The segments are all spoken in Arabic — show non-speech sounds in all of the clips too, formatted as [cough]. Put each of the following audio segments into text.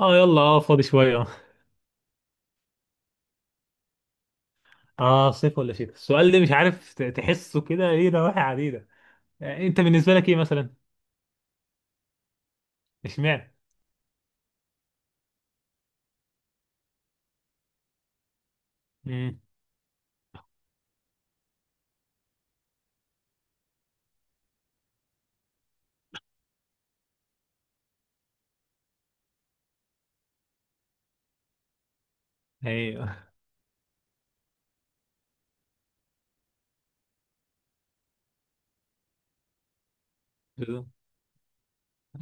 اه، يلا، اه فاضي شويه صيف ولا شتاء، السؤال ده مش عارف تحسه كده ايه، نواحي عديده. يعني انت بالنسبه لك ايه مثلا؟ اشمعنى؟ امم. ايوه. [laughs] بالظبط.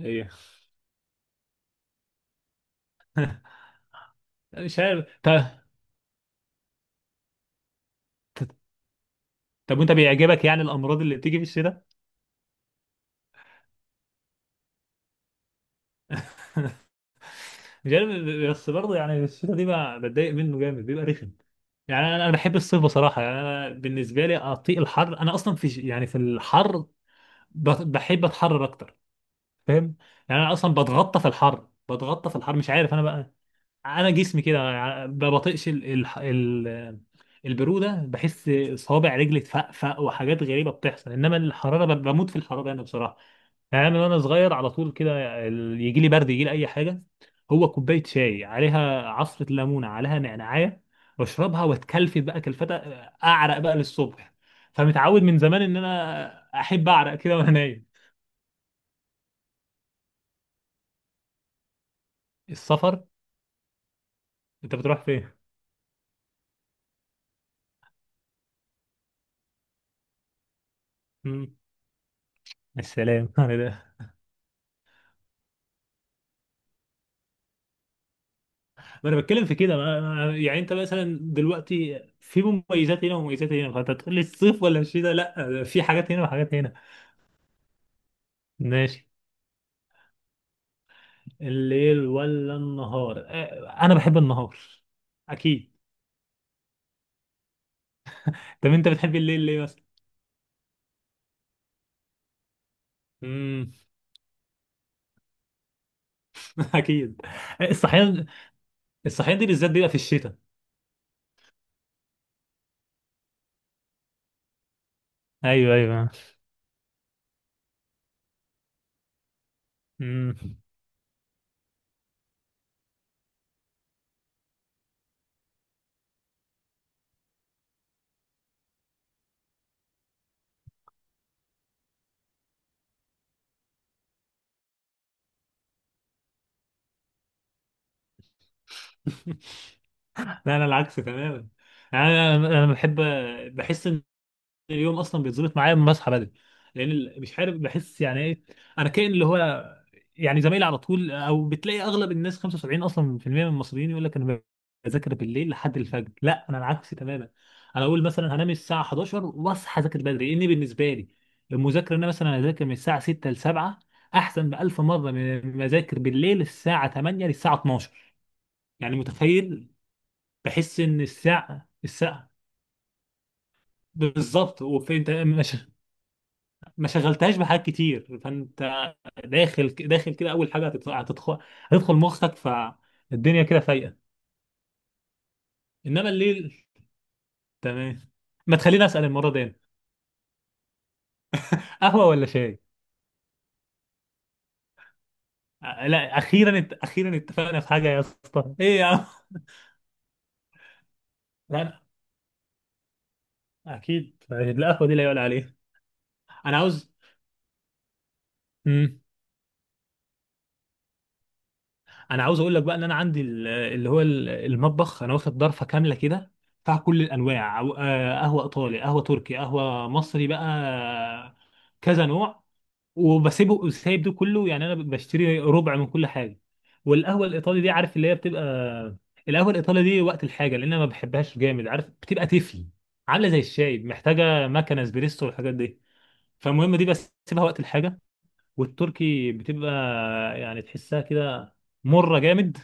ايوه، مش عارف. طب طب وانت بيعجبك يعني الامراض اللي بتيجي في الشتاء؟ [laughs] مش عارف، بس برضه يعني الشتاء دي بقى بتضايق منه جامد، بيبقى رخم. يعني انا بحب الصيف بصراحه، يعني انا بالنسبه لي اطيق الحر. انا اصلا في يعني في الحر بحب اتحرر اكتر، فاهم؟ يعني انا اصلا بتغطى في الحر، بتغطى في الحر، مش عارف انا بقى. انا جسمي كده، ما بطيقش ال... ال... البروده. بحس صوابع رجلي تفقفق وحاجات غريبه بتحصل، انما الحراره بموت في الحراره انا، بصراحه. يعني انا من وانا صغير على طول كده، يجي لي برد، يجي لي اي حاجه، هو كوبايه شاي عليها عصره ليمونه، عليها نعناعيه، واشربها واتكلفت بقى كلفتها، اعرق بقى للصبح. فمتعود من زمان ان انا احب اعرق كده وانا نايم. السفر؟ انت بتروح فين؟ مم. السلام. [laughs] ما انا بتكلم في كده، يعني انت مثلا دلوقتي في مميزات هنا ومميزات هنا، فانت تقول لي الصيف ولا الشتاء؟ لا، في حاجات هنا وحاجات هنا. ماشي. الليل ولا النهار؟ انا بحب النهار، اكيد. طب انت بتحب الليل ليه مثلا؟ امم. [laughs] اكيد. الصحيان؟ الصحيان دي بالذات بيبقى في الشتاء. ايوه، ايوه. امم. [laughs] لا، انا العكس تماما. انا انا أنا بحب، بحس ان اليوم اصلا بيتظبط معايا لما بصحى بدري، لان مش عارف بحس يعني ايه. انا كائن اللي هو، يعني زمايلي على طول. او بتلاقي اغلب الناس 75 اصلا في المية من المصريين يقول لك انا بذاكر بالليل لحد الفجر. لا، انا العكس تماما. انا اقول مثلا هنام الساعه 11 واصحى اذاكر بدري، لان بالنسبه لي المذاكره ان انا مثلا اذاكر من الساعه 6 ل 7 احسن بألف مره من ما اذاكر بالليل الساعه 8 للساعه 12. يعني متخيل؟ بحس ان الساعه بالظبط، وفي انت ما شغلتهاش بحاجات كتير، فانت داخل داخل كده، اول حاجه هتدخل مخك فالدنيا كده فايقه. انما الليل، تمام، ما تخليني اسال المره دي أنا. قهوه ولا شاي؟ لا، اخيرا اخيرا اتفقنا في حاجه يا اسطى. ايه يا عم؟ [laughs] لا، أنا اكيد القهوه دي لا يعلى عليها. انا عاوز، مم. انا عاوز اقول لك بقى ان انا عندي المطبخ انا واخد ضرفه كامله كده، بتاع كل الانواع، قهوه ايطالي، قهوه تركي، قهوه مصري بقى، كذا نوع. وبسيبه سايب ده كله، يعني انا بشتري ربع من كل حاجه. والقهوه الايطالي دي، عارف اللي هي بتبقى، القهوه الايطالي دي وقت الحاجه لان انا ما بحبهاش جامد، عارف بتبقى تفل، عامله زي الشاي، محتاجه مكنه اسبريسو والحاجات دي، فالمهم دي بسيبها وقت الحاجه. والتركي بتبقى، يعني تحسها كده مره جامد.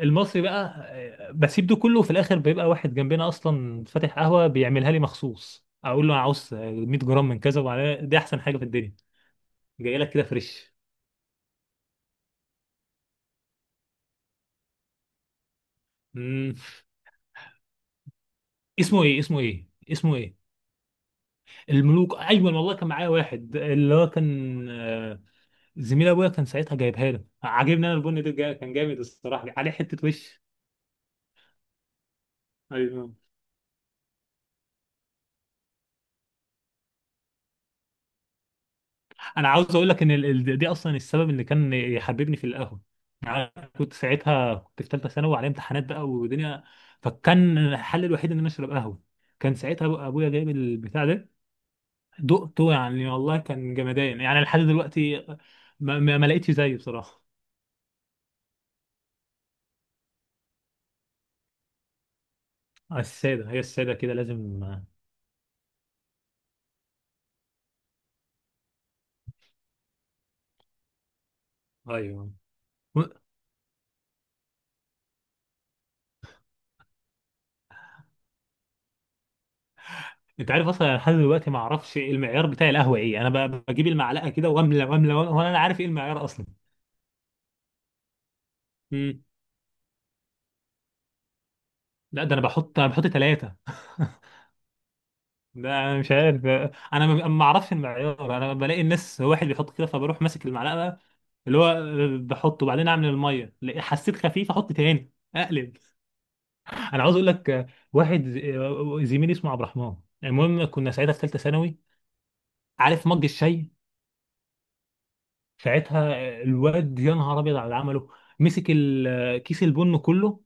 المصري بقى، بسيب ده كله. وفي الاخر بيبقى واحد جنبنا اصلا فاتح قهوه بيعملها لي مخصوص، اقول له انا عاوز 100 جرام من كذا وعليها دي، احسن حاجه في الدنيا، جاي لك كده فريش. مم. اسمه ايه؟ اسمه ايه؟ اسمه ايه؟ الملوك، ايوه والله. كان معايا واحد اللي هو كان، زميل ابويا، كان ساعتها جايبها له، عاجبني انا البن ده كان جامد الصراحه، عليه حته وش. ايوه. انا عاوز اقول لك ان دي اصلا السبب اللي كان يحببني في القهوه. يعني أنا كنت ساعتها في ثالثه ثانوي وعليا امتحانات بقى ودنيا، فكان الحل الوحيد ان انا اشرب قهوه. كان ساعتها ابويا جايب البتاع ده، دقته يعني والله كان جمدان يعني لحد دلوقتي ما لقيتش زيه بصراحه. السادة، هي السادة كده لازم. ايوه. و- انت عارف اصلا أنا لحد دلوقتي ما اعرفش إيه المعيار بتاع القهوة. ايه، انا بجيب المعلقة كده واملى واملى وأملى، وانا لا عارف ايه المعيار اصلا. مم. لا، ده انا بحط ثلاثة. [laughs] ده انا مش عارف. انا ما اعرفش المعيار، انا بلاقي الناس واحد بيحط كده، فبروح ماسك المعلقة اللي هو، بحطه وبعدين اعمل المية، حسيت خفيف احط تاني اقلب. انا عاوز اقول لك، واحد زميلي اسمه عبد الرحمن، المهم كنا ساعتها في ثالثة ثانوي، عارف مج الشاي، ساعتها الواد يا نهار ابيض على اللي عمله، مسك كيس البن كله،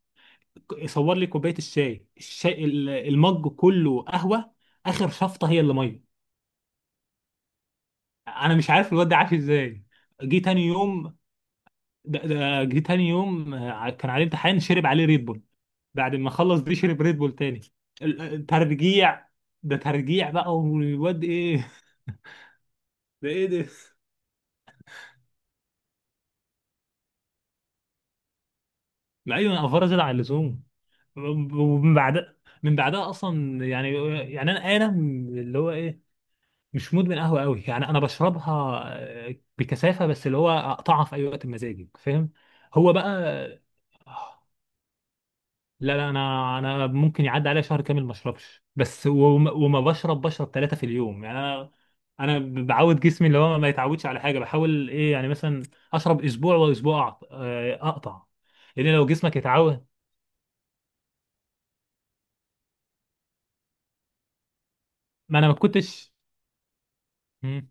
صور لي كوبايه الشاي، المج كله قهوه، اخر شفطه هي اللي ميه. انا مش عارف الواد ده عاش ازاي. جه تاني يوم، ده جه تاني يوم، كان عليه امتحان، شرب عليه ريد بول، بعد ما خلص دي شرب ريد بول تاني. ترجيع، ده ترجيع بقى، والواد ايه. [laughs] ده ايه ده؟ ما ايوه، افرز على اللزوم. ومن بعد، من بعدها اصلا يعني، يعني انا اللي هو ايه، مش مدمن قهوه قوي، يعني انا بشربها بكثافه، بس اللي هو اقطعها في اي وقت مزاجي، فاهم؟ هو بقى آه، لا، لا، انا ممكن يعدي عليا شهر كامل ما اشربش، بس وما بشرب ثلاثه في اليوم. يعني انا، انا بعود جسمي اللي هو ما يتعودش على حاجه. بحاول ايه يعني، مثلا اشرب اسبوع واسبوع اقطع، لان لو جسمك يتعود. ما انا ما كنتش. مم.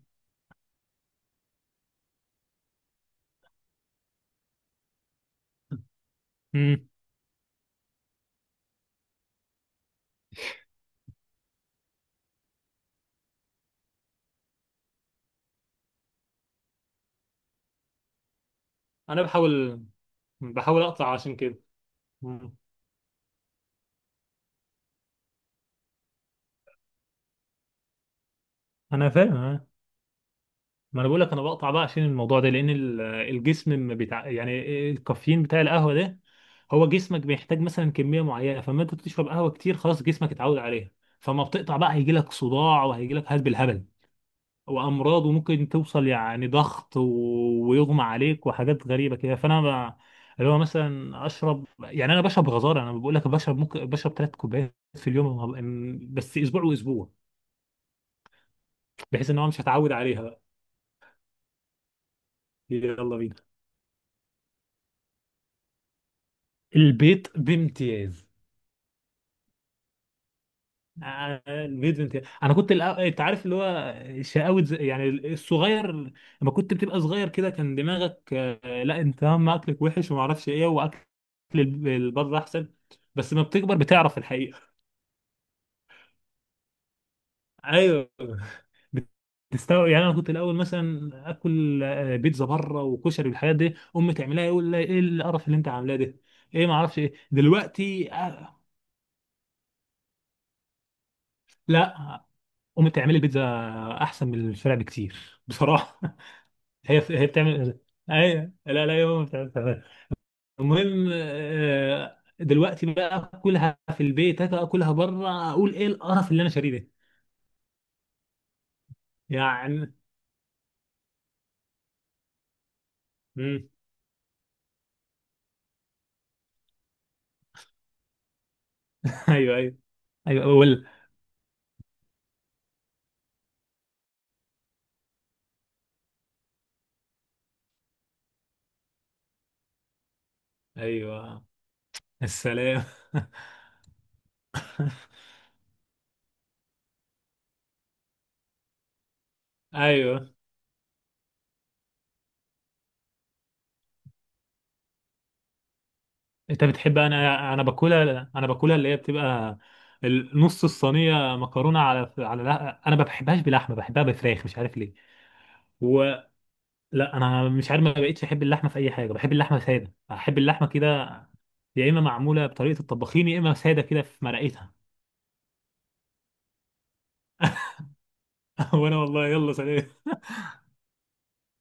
مم. انا بحاول اقطع عشان كده. مم. انا فاهم، ها. ما انا بقول لك انا بقطع بقى عشان الموضوع ده، لان الجسم، ما بتاع يعني الكافيين بتاع القهوه ده، هو جسمك بيحتاج مثلا كميه معينه، فما انت بتشرب قهوه كتير خلاص جسمك اتعود عليها، فما بتقطع بقى هيجي لك صداع وهيجي لك هلب الهبل وامراض، وممكن توصل يعني ضغط ويغمى عليك وحاجات غريبه كده. فانا ب... اللي هو مثلا اشرب، يعني انا بشرب غزاره انا بقول لك، بشرب ممكن، بشرب 3 كوبايات في اليوم، بس اسبوع واسبوع، بحيث ان هو مش هتعود عليها بقى. يلا بينا. البيت بامتياز. البيت بامتياز. انا كنت انت عارف اللي هو، شقاوة يعني الصغير، لما كنت بتبقى صغير كده كان دماغك، لا انت، هم اكلك وحش وما اعرفش ايه، واكل البر احسن، بس لما بتكبر بتعرف الحقيقة. ايوه، بتستوعب. يعني انا كنت الاول مثلا اكل، بيتزا بره وكشري والحاجات دي، امي تعملها يقول لي ايه القرف اللي انت عاملاه ده، ايه ما اعرفش ايه. دلوقتي، لا، امي بتعمل البيتزا احسن من الفرع بكتير، بصراحه. [laughs] هي، بتعمل، ايوه، لا، لا، يا ماما بتعمل. المهم، دلوقتي بقى اكلها في البيت، أجي اكلها بره اقول ايه القرف اللي انا شاريه ده، يعني. مم. [laughs] ايوه، ايوه، ايوه، اقول ايوه. السلام. [laughs] ايوه، انت بتحب. انا باكلها اللي هي بتبقى نص الصينيه مكرونه. على لا، انا ما بحبهاش بلحمه، بحبها بفراخ، مش عارف ليه. و... لا، انا مش عارف، ما بقتش احب اللحمه في اي حاجه، بحب اللحمه ساده، احب اللحمه كده، يا اما معموله بطريقه الطباخين، يا اما ساده كده في مرقتها. [laughs] وانا والله، يلا، سلام.